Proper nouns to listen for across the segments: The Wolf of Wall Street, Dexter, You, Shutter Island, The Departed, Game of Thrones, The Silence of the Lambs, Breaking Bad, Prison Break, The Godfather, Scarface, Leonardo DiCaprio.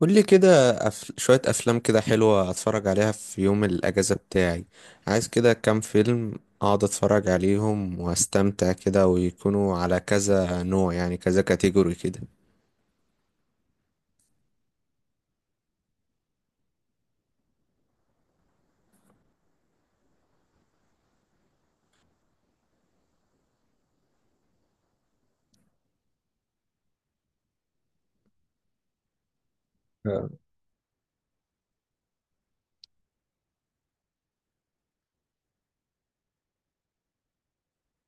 قول لي كده. شوية أفلام كده حلوة أتفرج عليها في يوم الأجازة بتاعي. عايز كده كام فيلم أقعد أتفرج عليهم وأستمتع كده، ويكونوا على كذا نوع، يعني كذا كاتيجوري كده. آه.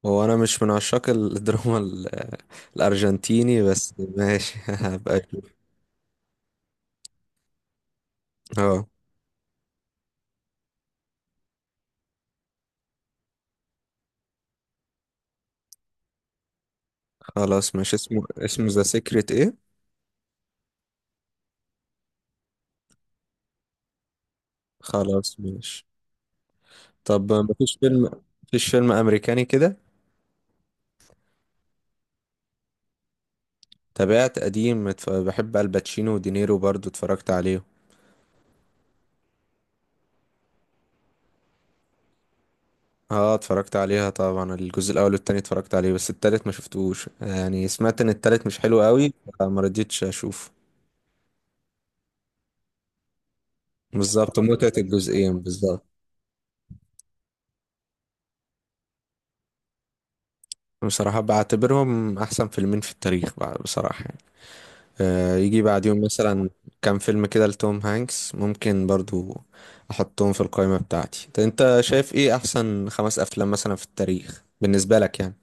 هو أنا مش من عشاق الدراما الأرجنتيني، بس ماشي هبقى أشوف. أه. خلاص ماشي، اسمه ذا سيكريت إيه؟ خلاص ماشي. طب مفيش فيلم أمريكاني كده؟ تابعت قديم، بحب الباتشينو ودينيرو، برضو اتفرجت عليه. اه، اتفرجت عليها طبعا، الجزء الاول والتاني اتفرجت عليه، بس التالت ما شفتوش، يعني سمعت ان التالت مش حلو قوي. فما رضيتش اشوفه. بالظبط، متعة الجزئين بالظبط. بصراحة بعتبرهم احسن فيلمين في التاريخ، بصراحة يعني. آه، يجي بعديهم مثلا كام فيلم كده لتوم هانكس، ممكن برضو احطهم في القائمة بتاعتي. طب انت شايف ايه احسن خمس افلام مثلا في التاريخ بالنسبة لك يعني؟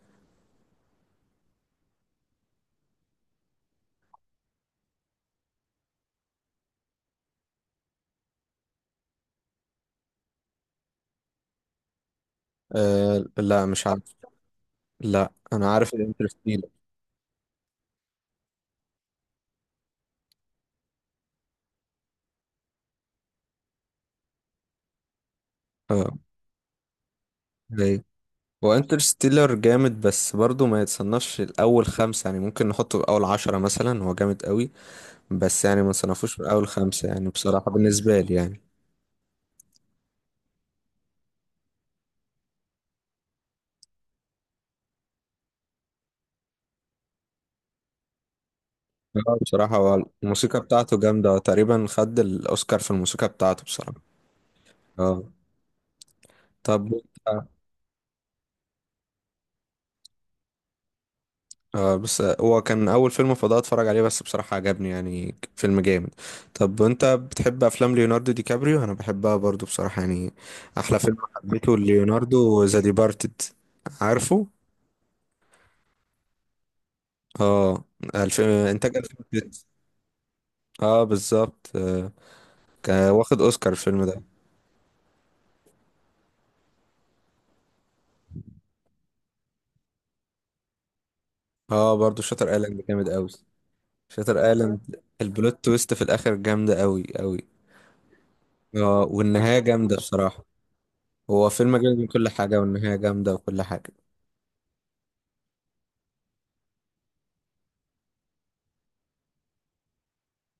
آه، لا مش عارف. لا، انا عارف الانترستيلر. اه، إيه؟ هو انترستيلر جامد، بس برضه ما يتصنفش الأول خمسة، يعني ممكن نحطه في أول عشرة مثلا، هو جامد قوي. بس يعني ما تصنفوش في أول خمسة، يعني بصراحة بالنسبة لي يعني. اه، بصراحة هو الموسيقى بتاعته جامدة، هو تقريبا خد الأوسكار في الموسيقى بتاعته بصراحة. اه. طب. اه. آه، بس هو كان أول فيلم فضاء أتفرج عليه، بس بصراحة عجبني، يعني فيلم جامد. طب أنت بتحب أفلام ليوناردو دي كابريو؟ أنا بحبها برضه بصراحة يعني. أحلى فيلم حبيته ليوناردو ذا ديبارتد. عارفه؟ اه، الفيلم انتاج 2006. اه، بالظبط آه. كان واخد اوسكار الفيلم ده. اه، برضو شاتر ايلاند جامد قوي. شاتر ايلاند البلوت تويست في الاخر جامده قوي قوي. اه، والنهايه جامده بصراحه. هو فيلم جامد من كل حاجه، والنهايه جامده وكل حاجه.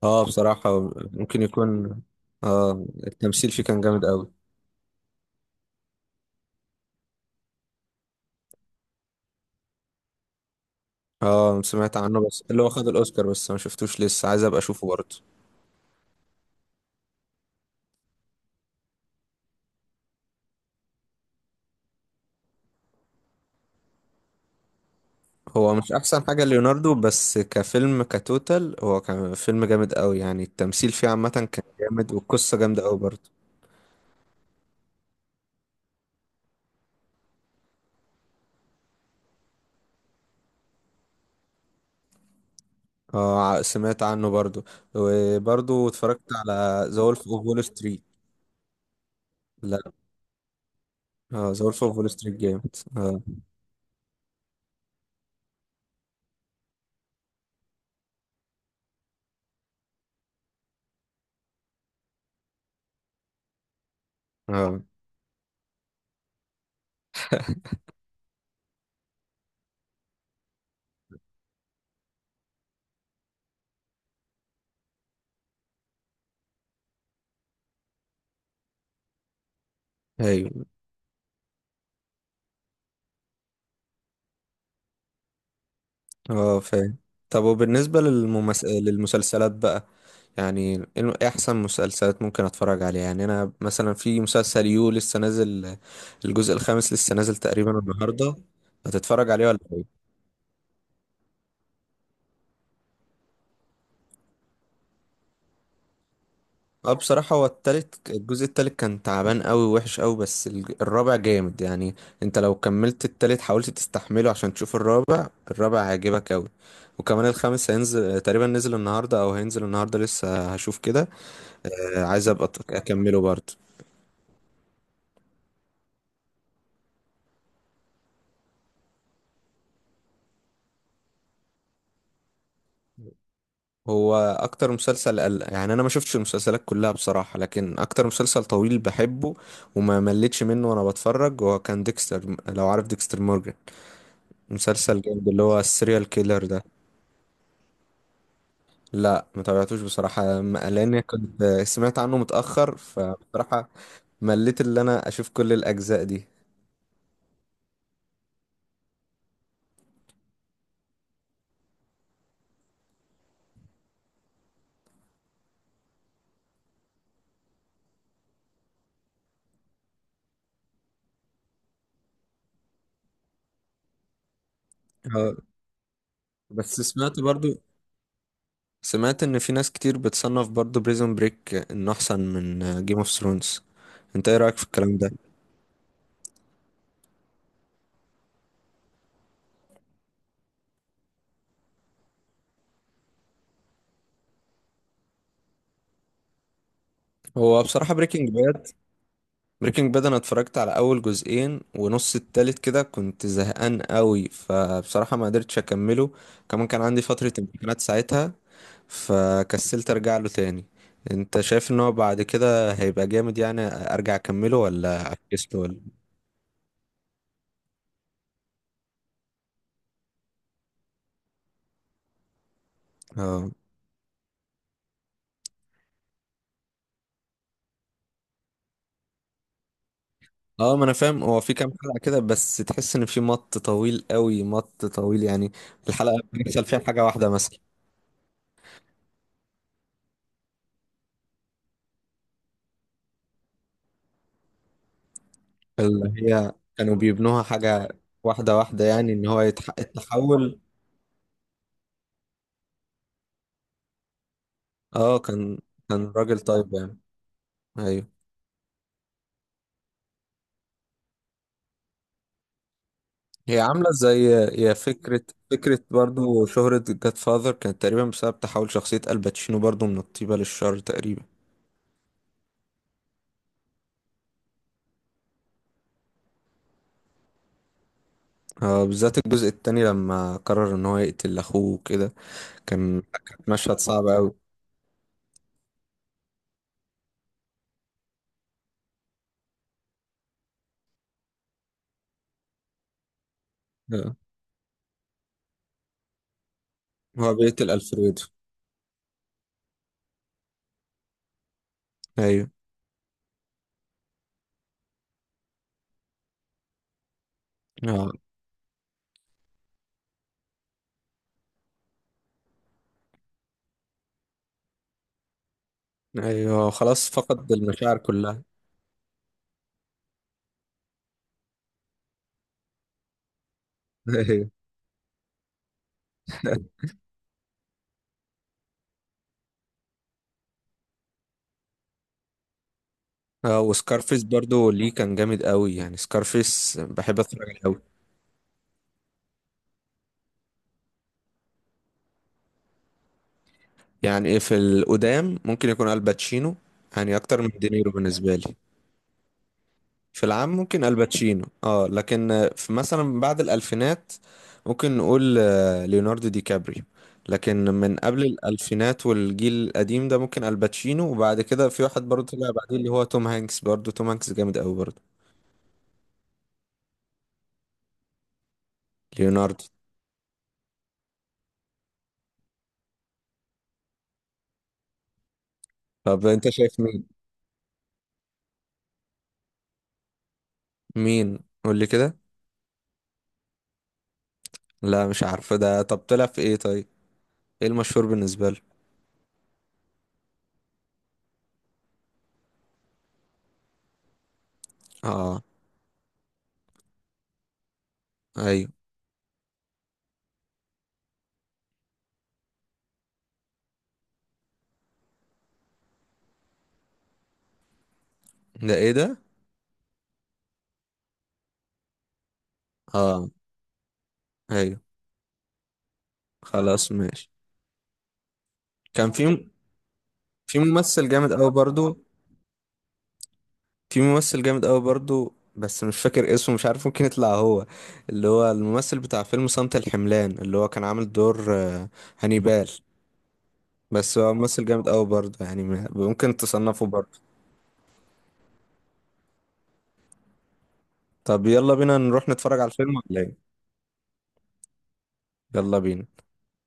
اه بصراحه، ممكن يكون. اه، التمثيل فيه كان جامد قوي. اه، سمعت عنه، بس اللي هو خد الاوسكار، بس ما شفتوش لسه، عايز ابقى اشوفه برضه. هو مش احسن حاجة ليوناردو، بس كفيلم كتوتال هو كان فيلم جامد قوي، يعني التمثيل فيه عامة كان جامد، والقصة جامدة قوي برضه. اه، سمعت عنه برضه. وبرضه اتفرجت على ذا وولف اوف وول ستريت. لا. اه، ذا وولف اوف وول ستريت جامد اه. اه. ايوه. اه، فاهم. طب وبالنسبة للمسلسلات بقى. يعني إيه احسن مسلسلات ممكن اتفرج عليها؟ يعني انا مثلا في مسلسل يو لسه نازل. الجزء الخامس لسه نازل تقريبا النهارده. هتتفرج عليه ولا ايه؟ اه، بصراحة هو التالت، الجزء التالت كان تعبان قوي وحش قوي، بس الرابع جامد يعني. انت لو كملت التالت حاولت تستحمله عشان تشوف الرابع، الرابع هيعجبك قوي. وكمان الخامس هينزل تقريبا، نزل النهارده او هينزل النهارده، لسه هشوف كده. آه، عايز ابقى اكمله برضه. هو اكتر مسلسل يعني انا ما شفتش المسلسلات كلها بصراحة، لكن اكتر مسلسل طويل بحبه وما مليتش منه وانا بتفرج هو كان ديكستر، لو عارف ديكستر مورجان. مسلسل جامد، اللي هو السيريال كيلر ده. لا، ما تابعتوش بصراحة، لان كنت سمعت عنه متأخر فبصراحة مليت اللي انا اشوف كل الاجزاء دي. آه، بس سمعت برضو، سمعت ان في ناس كتير بتصنف برضو بريزون بريك انه احسن من جيم اوف ثرونز. انت ايه رأيك في الكلام ده؟ هو بصراحة بريكنج باد. بريكنج باد انا اتفرجت على اول جزئين ونص التالت كده، كنت زهقان قوي، فبصراحة ما قدرتش اكمله. كمان كان عندي فترة امتحانات ساعتها فكسلت ارجع له تاني. انت شايف ان هو بعد كده هيبقى جامد؟ يعني ارجع اكمله ولا افكسله ولا؟ اه. اه، ما انا فاهم، هو في كام حلقة كده بس تحس ان في مط طويل قوي، مط طويل يعني. الحلقة بيحصل فيها حاجة واحدة مثلا. اللي هي كانوا بيبنوها حاجة واحدة واحدة، يعني ان هو التحول. اه، كان راجل طيب يعني. ايوه. هي عامله زي، هي فكره. فكره برضو شهره جاد فاذر كانت تقريبا بسبب تحول شخصيه الباتشينو برضو، من الطيبه للشر تقريبا. آه، بالذات الجزء التاني لما قرر ان هو يقتل اخوه كده، كانت مشهد صعب قوي. آه، هو بيقتل الفريدو. ايوه. اه، ايوه، خلاص فقد المشاعر كلها. ايوه. اه، وسكارفيس برضو ليه كان جامد قوي، يعني سكارفيس بحب اتفرج عليه قوي. يعني ايه في القدام، ممكن يكون الباتشينو، يعني اكتر من دينيرو بالنسبه لي. في العام ممكن الباتشينو اه، لكن في مثلا بعد الالفينات ممكن نقول ليوناردو دي كابريو. لكن من قبل الالفينات والجيل القديم ده ممكن الباتشينو، وبعد كده في واحد برضه طلع بعديه اللي هو توم هانكس، برضه توم هانكس جامد قوي برضه. ليوناردو. طب انت شايف مين؟ مين؟ قول لي كده. لا مش عارفه ده، طب طلع في ايه طيب؟ ايه المشهور بالنسبه له؟ اه، ايوه. ده ايه ده؟ اه، ايوه، خلاص ماشي. كان في ممثل جامد قوي برضو. في ممثل جامد قوي برضو، بس مش فاكر اسمه، مش عارف ممكن يطلع هو، اللي هو الممثل بتاع فيلم صمت الحملان، اللي هو كان عامل دور هانيبال. بس هو ممثل جامد قوي برضو، يعني ممكن تصنفه برضو. طب يلا بينا نروح نتفرج على الفيلم ولا ايه؟ يلا بينا.